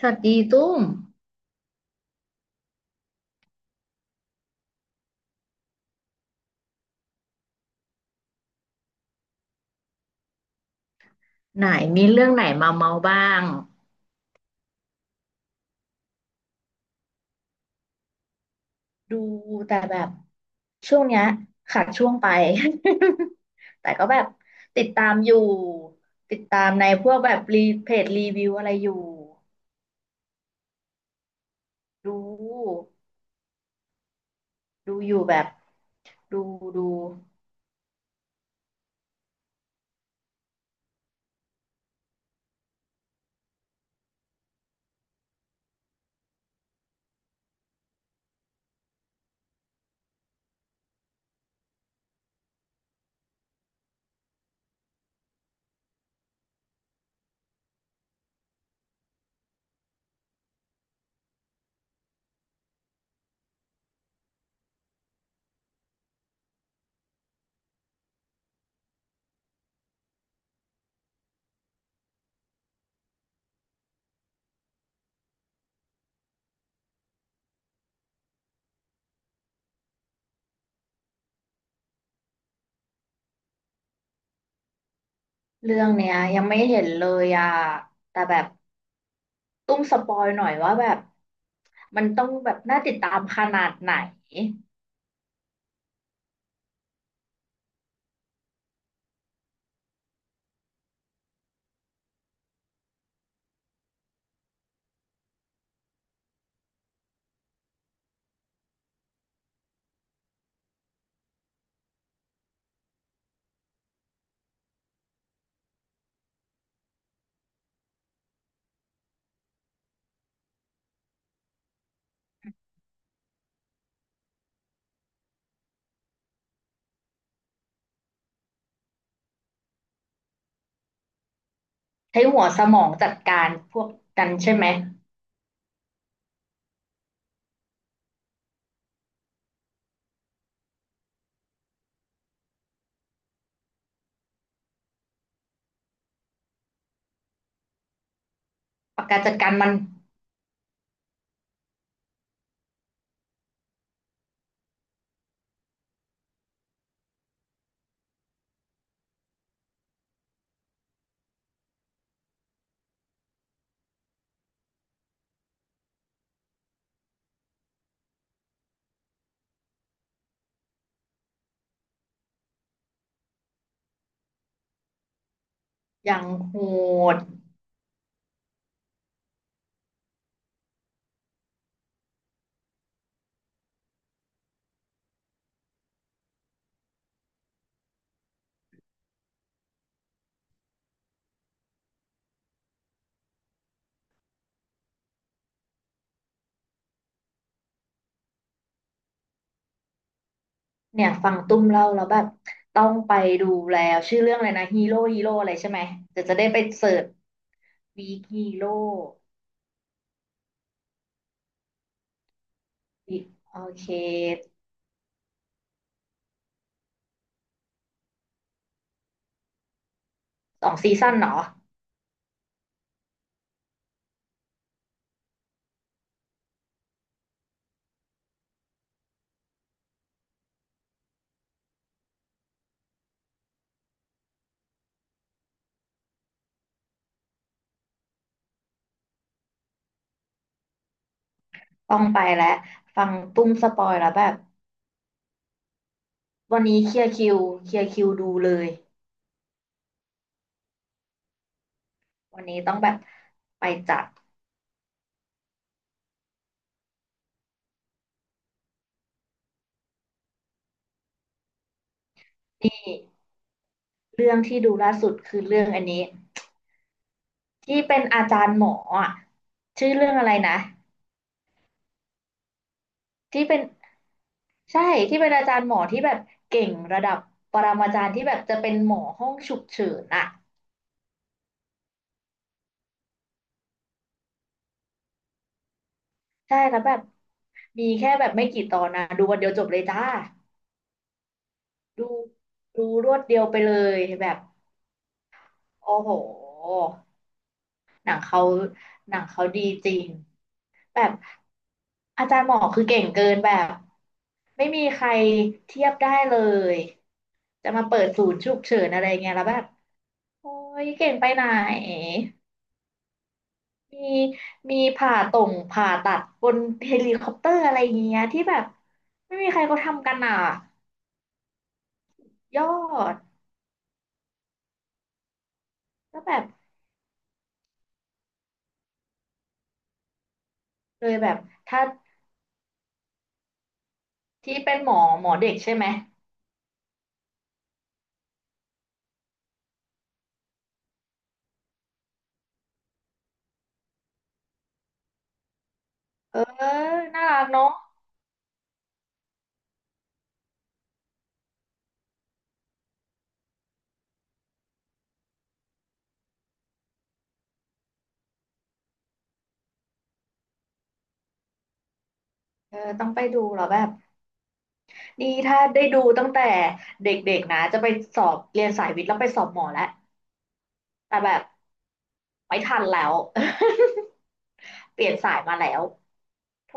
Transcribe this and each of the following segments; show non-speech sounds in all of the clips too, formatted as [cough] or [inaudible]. สวัสดีตุ้มไหนมีเรื่องไหนมาเมาบ้างดูแต่แบบช่วงเนี้ยขาดช่วงไป [laughs] แต่ก็แบบติดตามอยู่ติดตามในพวกแบบรีเพจรีวิวอะไรอยู่ดูดูอยู่แบบดูดูเรื่องเนี้ยยังไม่เห็นเลยอ่ะแต่แบบตุ้มสปอยหน่อยว่าแบบมันต้องแบบน่าติดตามขนาดไหนใช้หัวสมองจัดการพวกกันใช่ไหม ปากการจัดการมันอย่างโหดเนี่ยฟังตุ้มเล่าแล้วแบบต้องไปดูแล้วชื่อเรื่องอะไรนะฮีโร่ฮีโร่อะไรใช่ไหมเดี๋ยวจะได้ไปเสิร์ชวีคฮีโร่โอเคสองซีซั่นเหรอต้องไปแล้วฟังตุ้มสปอยแล้วแบบวันนี้เคลียร์คิวเคลียร์คิวดูเลยวันนี้ต้องแบบไปจัดนี่เรื่องที่ดูล่าสุดคือเรื่องอันนี้ที่เป็นอาจารย์หมออะชื่อเรื่องอะไรนะที่เป็น ใช่ที่เป็นอาจารย์หมอที่แบบเก่งระดับปรมาจารย์ที่แบบจะเป็นหมอห้องฉุกเฉินอะใช่แล้วแบบมีแค่แบบไม่กี่ตอนนะดูวันเดียวจบเลยจ้าดูดูรวดเดียวไปเลยแบบโอ้โหหนังเขาหนังเขาดีจริงแบบอาจารย์หมอคือเก่งเกินแบบไม่มีใครเทียบได้เลยจะมาเปิดศูนย์ฉุกเฉินอะไรเงี้ยแล้วแบบโอ้ยเก่งไปไหน มีมีผ่าตรงผ่าตัดบนเฮลิคอปเตอร์อะไรอย่างเงี้ยที่แบบไม่มีใครเขาทำกันอ่ะยอดแล้วแบบเลยแบบถ้าที่เป็นหมอหมอเด็กใช่ไหมเออน่ารักเนาะเออต้องไปดูแล้วแบบดีถ้าได้ดูตั้งแต่เด็กๆนะจะไปสอบเรียนสายวิทย์แล้วไปสอบหมอแล้วแต่แบบไม่ทันแล้ว [laughs] เปลี่ยนสายมาแล้วโถ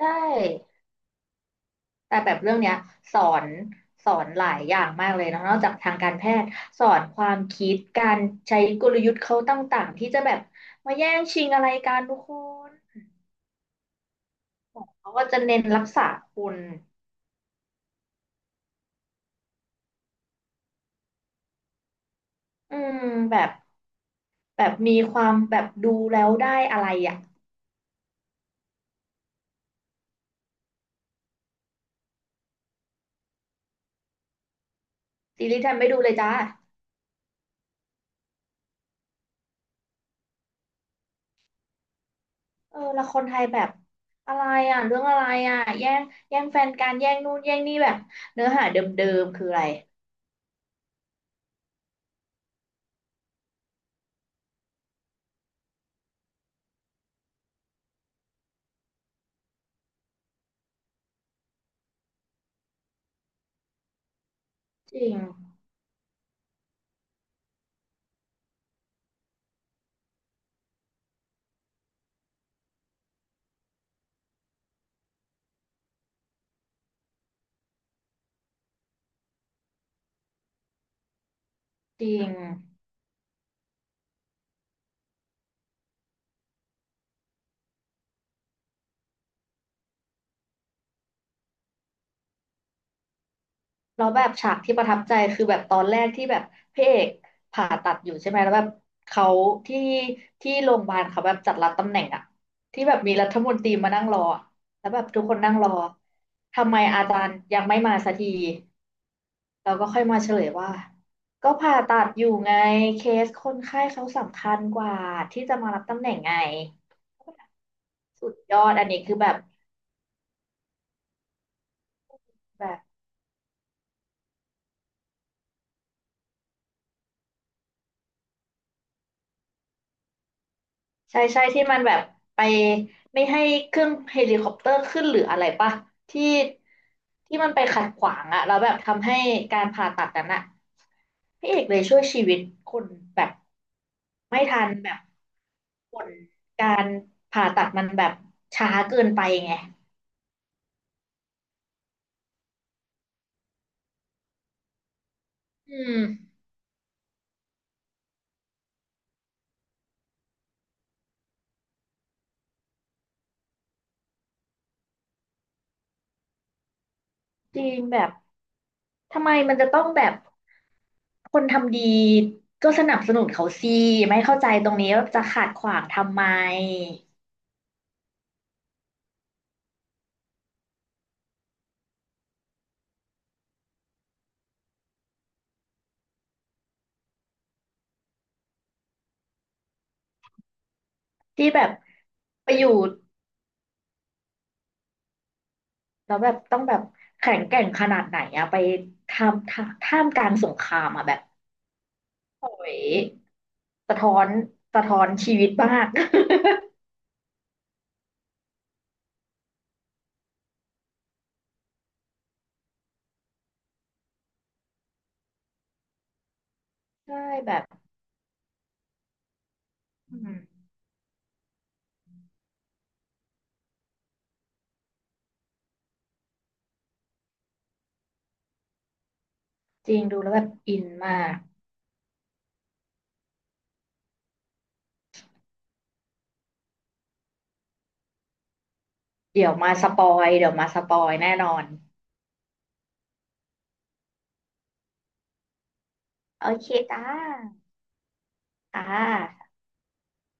ได้ แต่แบบเรื่องเนี้ยสอนสอนหลายอย่างมากเลยเนอะนอกจากทางการแพทย์สอนความคิดการใช้กลยุทธ์เขาต่างๆที่จะแบบมาแย่งชิงอะไรกันทุกคนเขาก็จะเน้นรักษาคุณอืมแบบแบบมีความแบบดูแล้วได้อะไรอ่ะซีรีส์ไทยไม่ดูเลยจ้าเออละครไทยแบบอะไรอ่ะเรื่องอะไรอ่ะแย่งแย่งแฟนกันแย่งนู่นแย่งนี่แบบเนื้อหาเดิมๆคืออะไรจริงจริง แล้วแบบฉากที่ประทับใจคือแบบตอนแรกที่แบบพระเอกผ่าตัดอยู่ใช่ไหมแล้วแบบเขาที่ที่โรงพยาบาลเขาแบบจัดรับตำแหน่งอะที่แบบมีรัฐมนตรีมานั่งรออะแล้วแบบทุกคนนั่งรอทำไมอาจารย์ยังไม่มาสักทีเราก็ค่อยมาเฉลยว่าก็ผ่าตัดอยู่ไงเคสคนไข้เขาสำคัญกว่าที่จะมารับตำแหน่งไงสุดยอดอันนี้คือแบบแบบ ใช่ใช่ที่มันแบบไปไม่ให้เครื่องเฮลิคอปเตอร์ขึ้นหรืออะไรปะที่ที่มันไปขัดขวางอะแล้วแบบทำให้การผ่าตัดนั้นอะพระเอกเลยช่วยชีวิตคนแบบไม่ทันแบบผลการผ่าตัดมันแบบช้าเกินไปไงอืมจริงแบบทำไมมันจะต้องแบบคนทำดีก็สนับสนุนเขาสิไม่เข้าใจตรงนี้ว่าจะขัดขวางทำไมที่แบบไปอยู่ แล้วแบบต้องแบบแข็งแกร่งขนาดไหนอะไปทำท่ามท่ามกลางสงครามอะแบบโอ้ยสะท้อนสะท้อนชีวิตมาก [laughs] ใช่แบบอืมจริงดูแล้วแบบอินมากเดี๋ยวมาสปอยเดี๋ยวมาสปอยแน่นอนโอเคจ้าค่ะ